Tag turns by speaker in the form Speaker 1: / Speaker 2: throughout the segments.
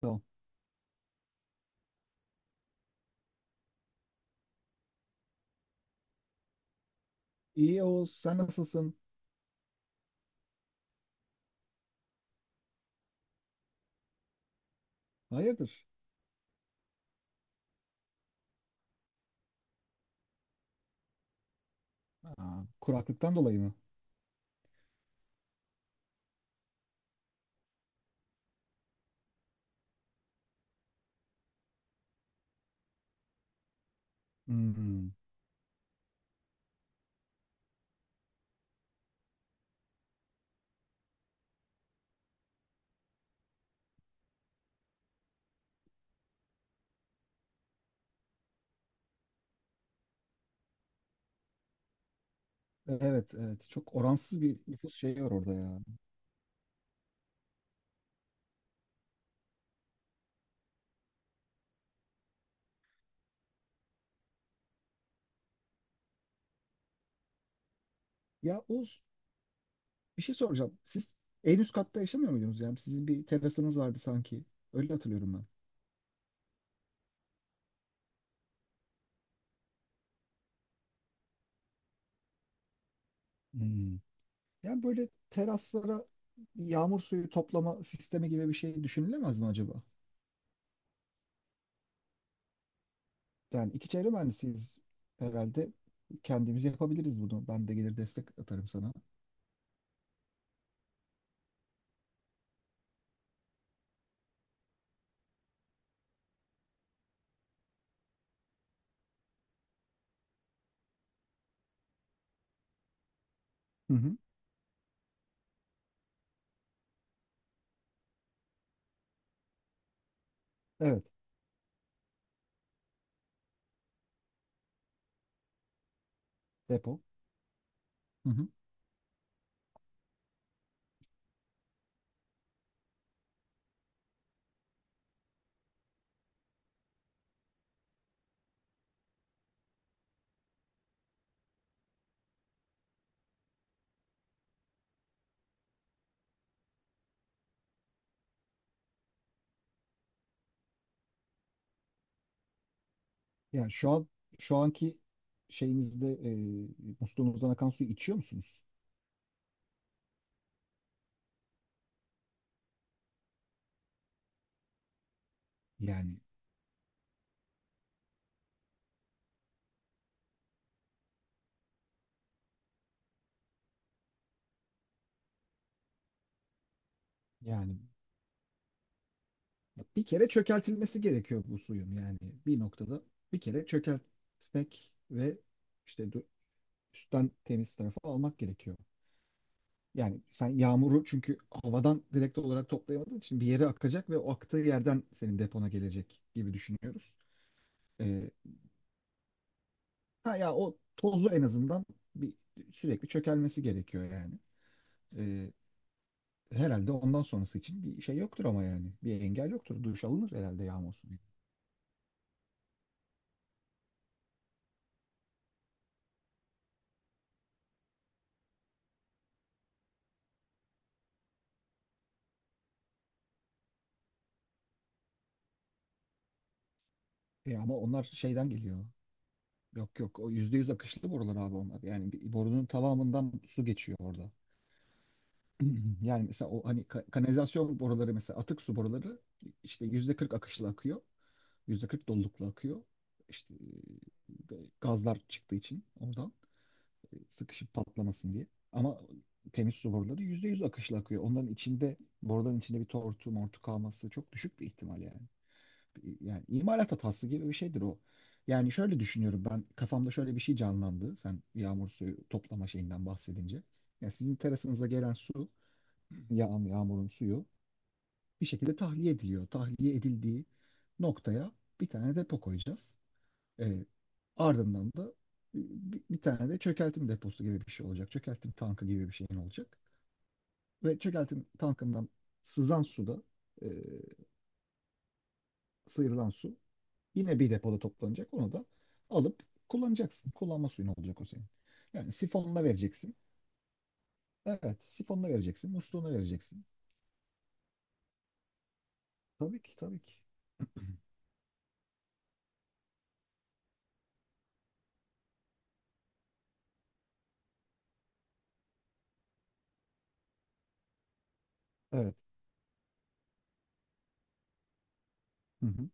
Speaker 1: Tamam. İyi Oğuz, sen nasılsın? Hayırdır? Aa, kuraklıktan dolayı mı? Hmm. Evet, evet. Çok oransız bir nüfus şeyi var orada ya. Ya Oğuz, bir şey soracağım. Siz en üst katta yaşamıyor muydunuz? Yani sizin bir terasınız vardı sanki. Öyle hatırlıyorum ben. Hmm. Yani böyle teraslara yağmur suyu toplama sistemi gibi bir şey düşünülemez mi acaba? Yani iki çevre mühendisiyiz herhalde. Kendimiz yapabiliriz bunu. Ben de gelir destek atarım sana. Hı hı. Evet, depo. Hı hı. Yani şu an şu anki şeyinizde musluğunuzdan akan suyu içiyor musunuz? Yani yani bir kere çökeltilmesi gerekiyor bu suyun yani bir noktada bir kere çökeltmek ve işte dö- üstten temiz tarafı almak gerekiyor. Yani sen yağmuru, çünkü havadan direkt olarak toplayamadığın için bir yere akacak ve o aktığı yerden senin depona gelecek gibi düşünüyoruz. E, ha ya, o tozu en azından bir sürekli çökelmesi gerekiyor yani. Herhalde ondan sonrası için bir şey yoktur ama yani. Bir engel yoktur. Duş alınır herhalde yağma suyuyla. E, ama onlar şeyden geliyor. Yok, yok, o yüzde yüz akışlı borular abi onlar. Yani borunun tamamından su geçiyor orada. Yani mesela o hani kanalizasyon boruları, mesela atık su boruları işte yüzde kırk akışlı akıyor. Yüzde kırk dolulukla akıyor. İşte gazlar çıktığı için oradan, sıkışıp patlamasın diye. Ama temiz su boruları %100 akışla akıyor. Onların içinde, boruların içinde bir tortu mortu kalması çok düşük bir ihtimal yani. Yani imalat hatası gibi bir şeydir o. Yani şöyle düşünüyorum, ben kafamda şöyle bir şey canlandı. Sen yağmur suyu toplama şeyinden bahsedince. Yani sizin terasınıza gelen su, yağan yağmurun suyu bir şekilde tahliye ediliyor. Tahliye edildiği noktaya bir tane depo koyacağız. E, ardından da bir tane de çökeltim deposu gibi bir şey olacak. Çökeltim tankı gibi bir şeyin olacak. Ve çökeltim tankından sızan suda, e, sıyrılan su yine bir depoda toplanacak. Onu da alıp kullanacaksın. Kullanma suyun olacak o senin. Yani sifonla vereceksin. Evet, sifonla vereceksin, musluğuna vereceksin. Tabii ki, tabii ki. Evet. Hı hı.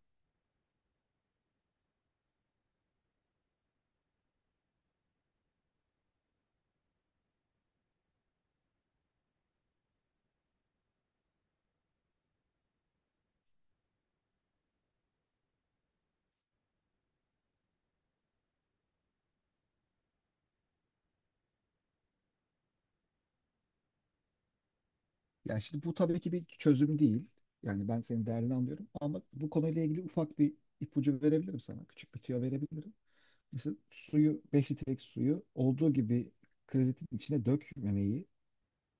Speaker 1: Yani şimdi bu tabii ki bir çözüm değil. Yani ben senin derdini anlıyorum ama bu konuyla ilgili ufak bir ipucu verebilirim sana. Küçük bir tüyo verebilirim. Mesela suyu, 5 litrelik suyu olduğu gibi kredetin içine dökmemeyi,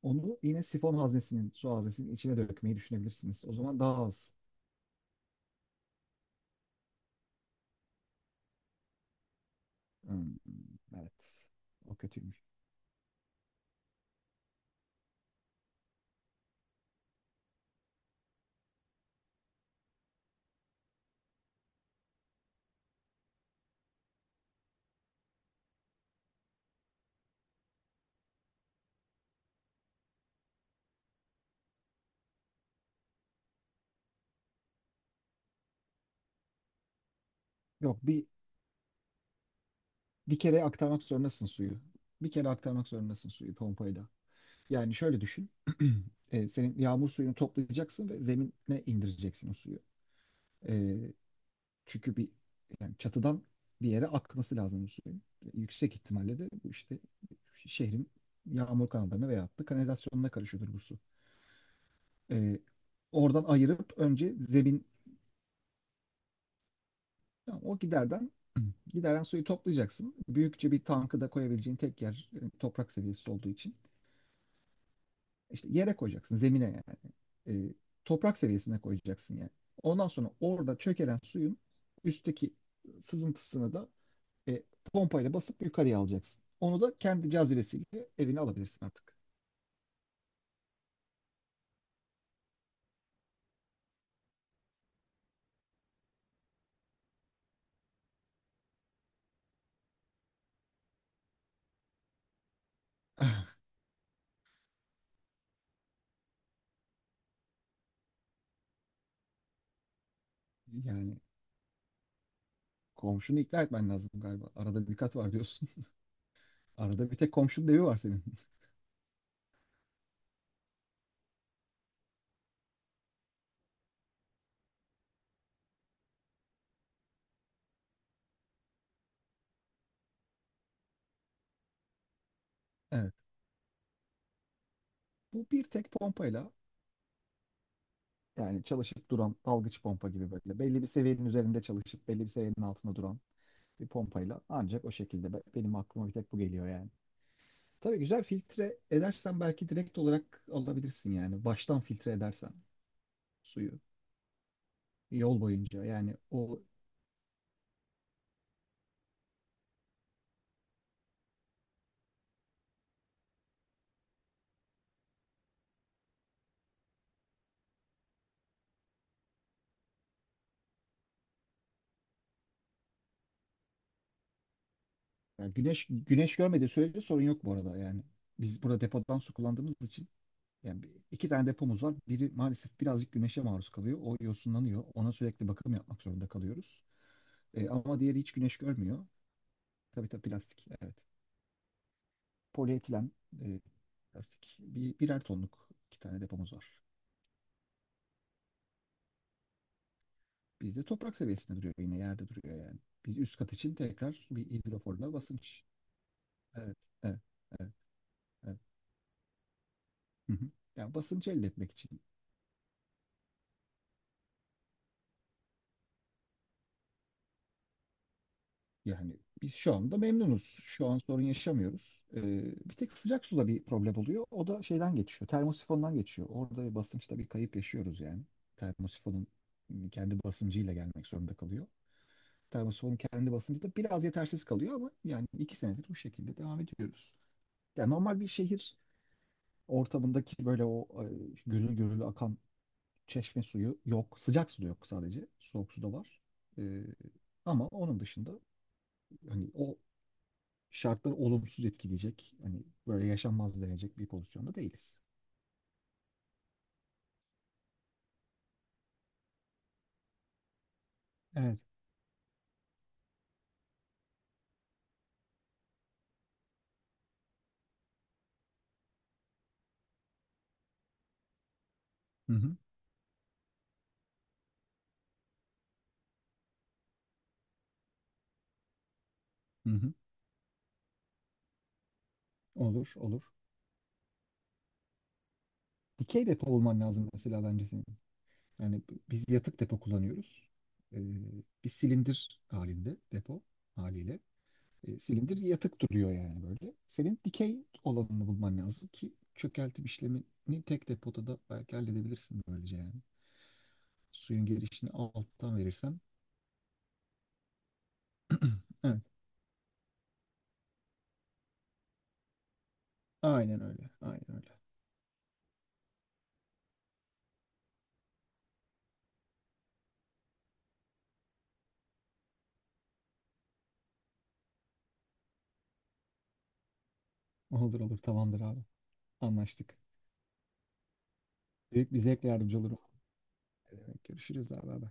Speaker 1: onu yine sifon haznesinin, su haznesinin içine dökmeyi düşünebilirsiniz. O zaman daha az. Hmm, evet. O kötüymüş. Yok, bir kere aktarmak zorundasın suyu. Bir kere aktarmak zorundasın suyu pompayla. Yani şöyle düşün. Senin yağmur suyunu toplayacaksın ve zemine indireceksin o suyu. E, Çünkü bir, yani çatıdan bir yere akması lazım bu suyun. Yüksek ihtimalle de bu işte şehrin yağmur kanallarına veyahut da kanalizasyonuna karışıyordur bu su. Ee, oradan ayırıp önce zemin, tamam, o giderden gideren suyu toplayacaksın. Büyükçe bir tankı da koyabileceğin tek yer toprak seviyesi olduğu için işte yere koyacaksın, zemine yani. Ee, toprak seviyesine koyacaksın yani. Ondan sonra orada çökelen suyun üstteki sızıntısını da E, pompayla basıp yukarıya alacaksın. Onu da kendi cazibesiyle evine alabilirsin artık. Yani komşunu ikna etmen lazım galiba. Arada bir kat var diyorsun. Arada bir tek komşunun evi var senin. Evet. Bu bir tek pompayla, yani çalışıp duran dalgıç pompa gibi, böyle belli bir seviyenin üzerinde çalışıp belli bir seviyenin altında duran bir pompayla ancak, o şekilde benim aklıma bir tek bu geliyor yani. Tabii güzel filtre edersen belki direkt olarak alabilirsin yani. Baştan filtre edersen suyu, yol boyunca yani o. Yani güneş görmediği sürece sorun yok bu arada yani. Biz burada depodan su kullandığımız için, yani 2 tane depomuz var. Biri maalesef birazcık güneşe maruz kalıyor. O yosunlanıyor. Ona sürekli bakım yapmak zorunda kalıyoruz. Ama diğeri hiç güneş görmüyor. Tabii tabii, plastik. Evet. Polietilen e, plastik. Birer tonluk 2 tane depomuz var. Bizde toprak seviyesinde duruyor, yine yerde duruyor yani. Biz üst kat için tekrar bir hidroforla basınç. Evet, evet, evet, evet. Hı hı. Yani basınç elde etmek için. Yani biz şu anda memnunuz. Şu an sorun yaşamıyoruz. Bir tek sıcak suda bir problem oluyor. O da şeyden geçiyor. Termosifondan geçiyor. Orada bir basınçta bir kayıp yaşıyoruz yani. Termosifonun kendi basıncıyla gelmek zorunda kalıyor. Termosifonun kendi basıncı da biraz yetersiz kalıyor ama yani 2 senedir bu şekilde devam ediyoruz. Yani normal bir şehir ortamındaki böyle o gürül gürül akan çeşme suyu yok. Sıcak su da yok sadece. Soğuk su da var. Ee, ama onun dışında hani o şartlar olumsuz etkileyecek. Hani böyle yaşanmaz denecek bir pozisyonda değiliz. Evet. Hı hı. Hı hı. Olur, olur. Dikey depo olman lazım mesela bence senin. Yani biz yatık depo kullanıyoruz. Ee, bir silindir halinde depo haliyle. Silindir yatık duruyor yani, böyle. Senin dikey olanını bulman lazım ki çökeltim işlemini tek depoda da belki halledebilirsin böylece yani. Suyun girişini alttan verirsen. Evet. Aynen öyle. Aynen öyle. Olur olur, tamamdır abi. Anlaştık. Büyük bir zevkle yardımcı olurum. Ne demek. Görüşürüz abi. Abi.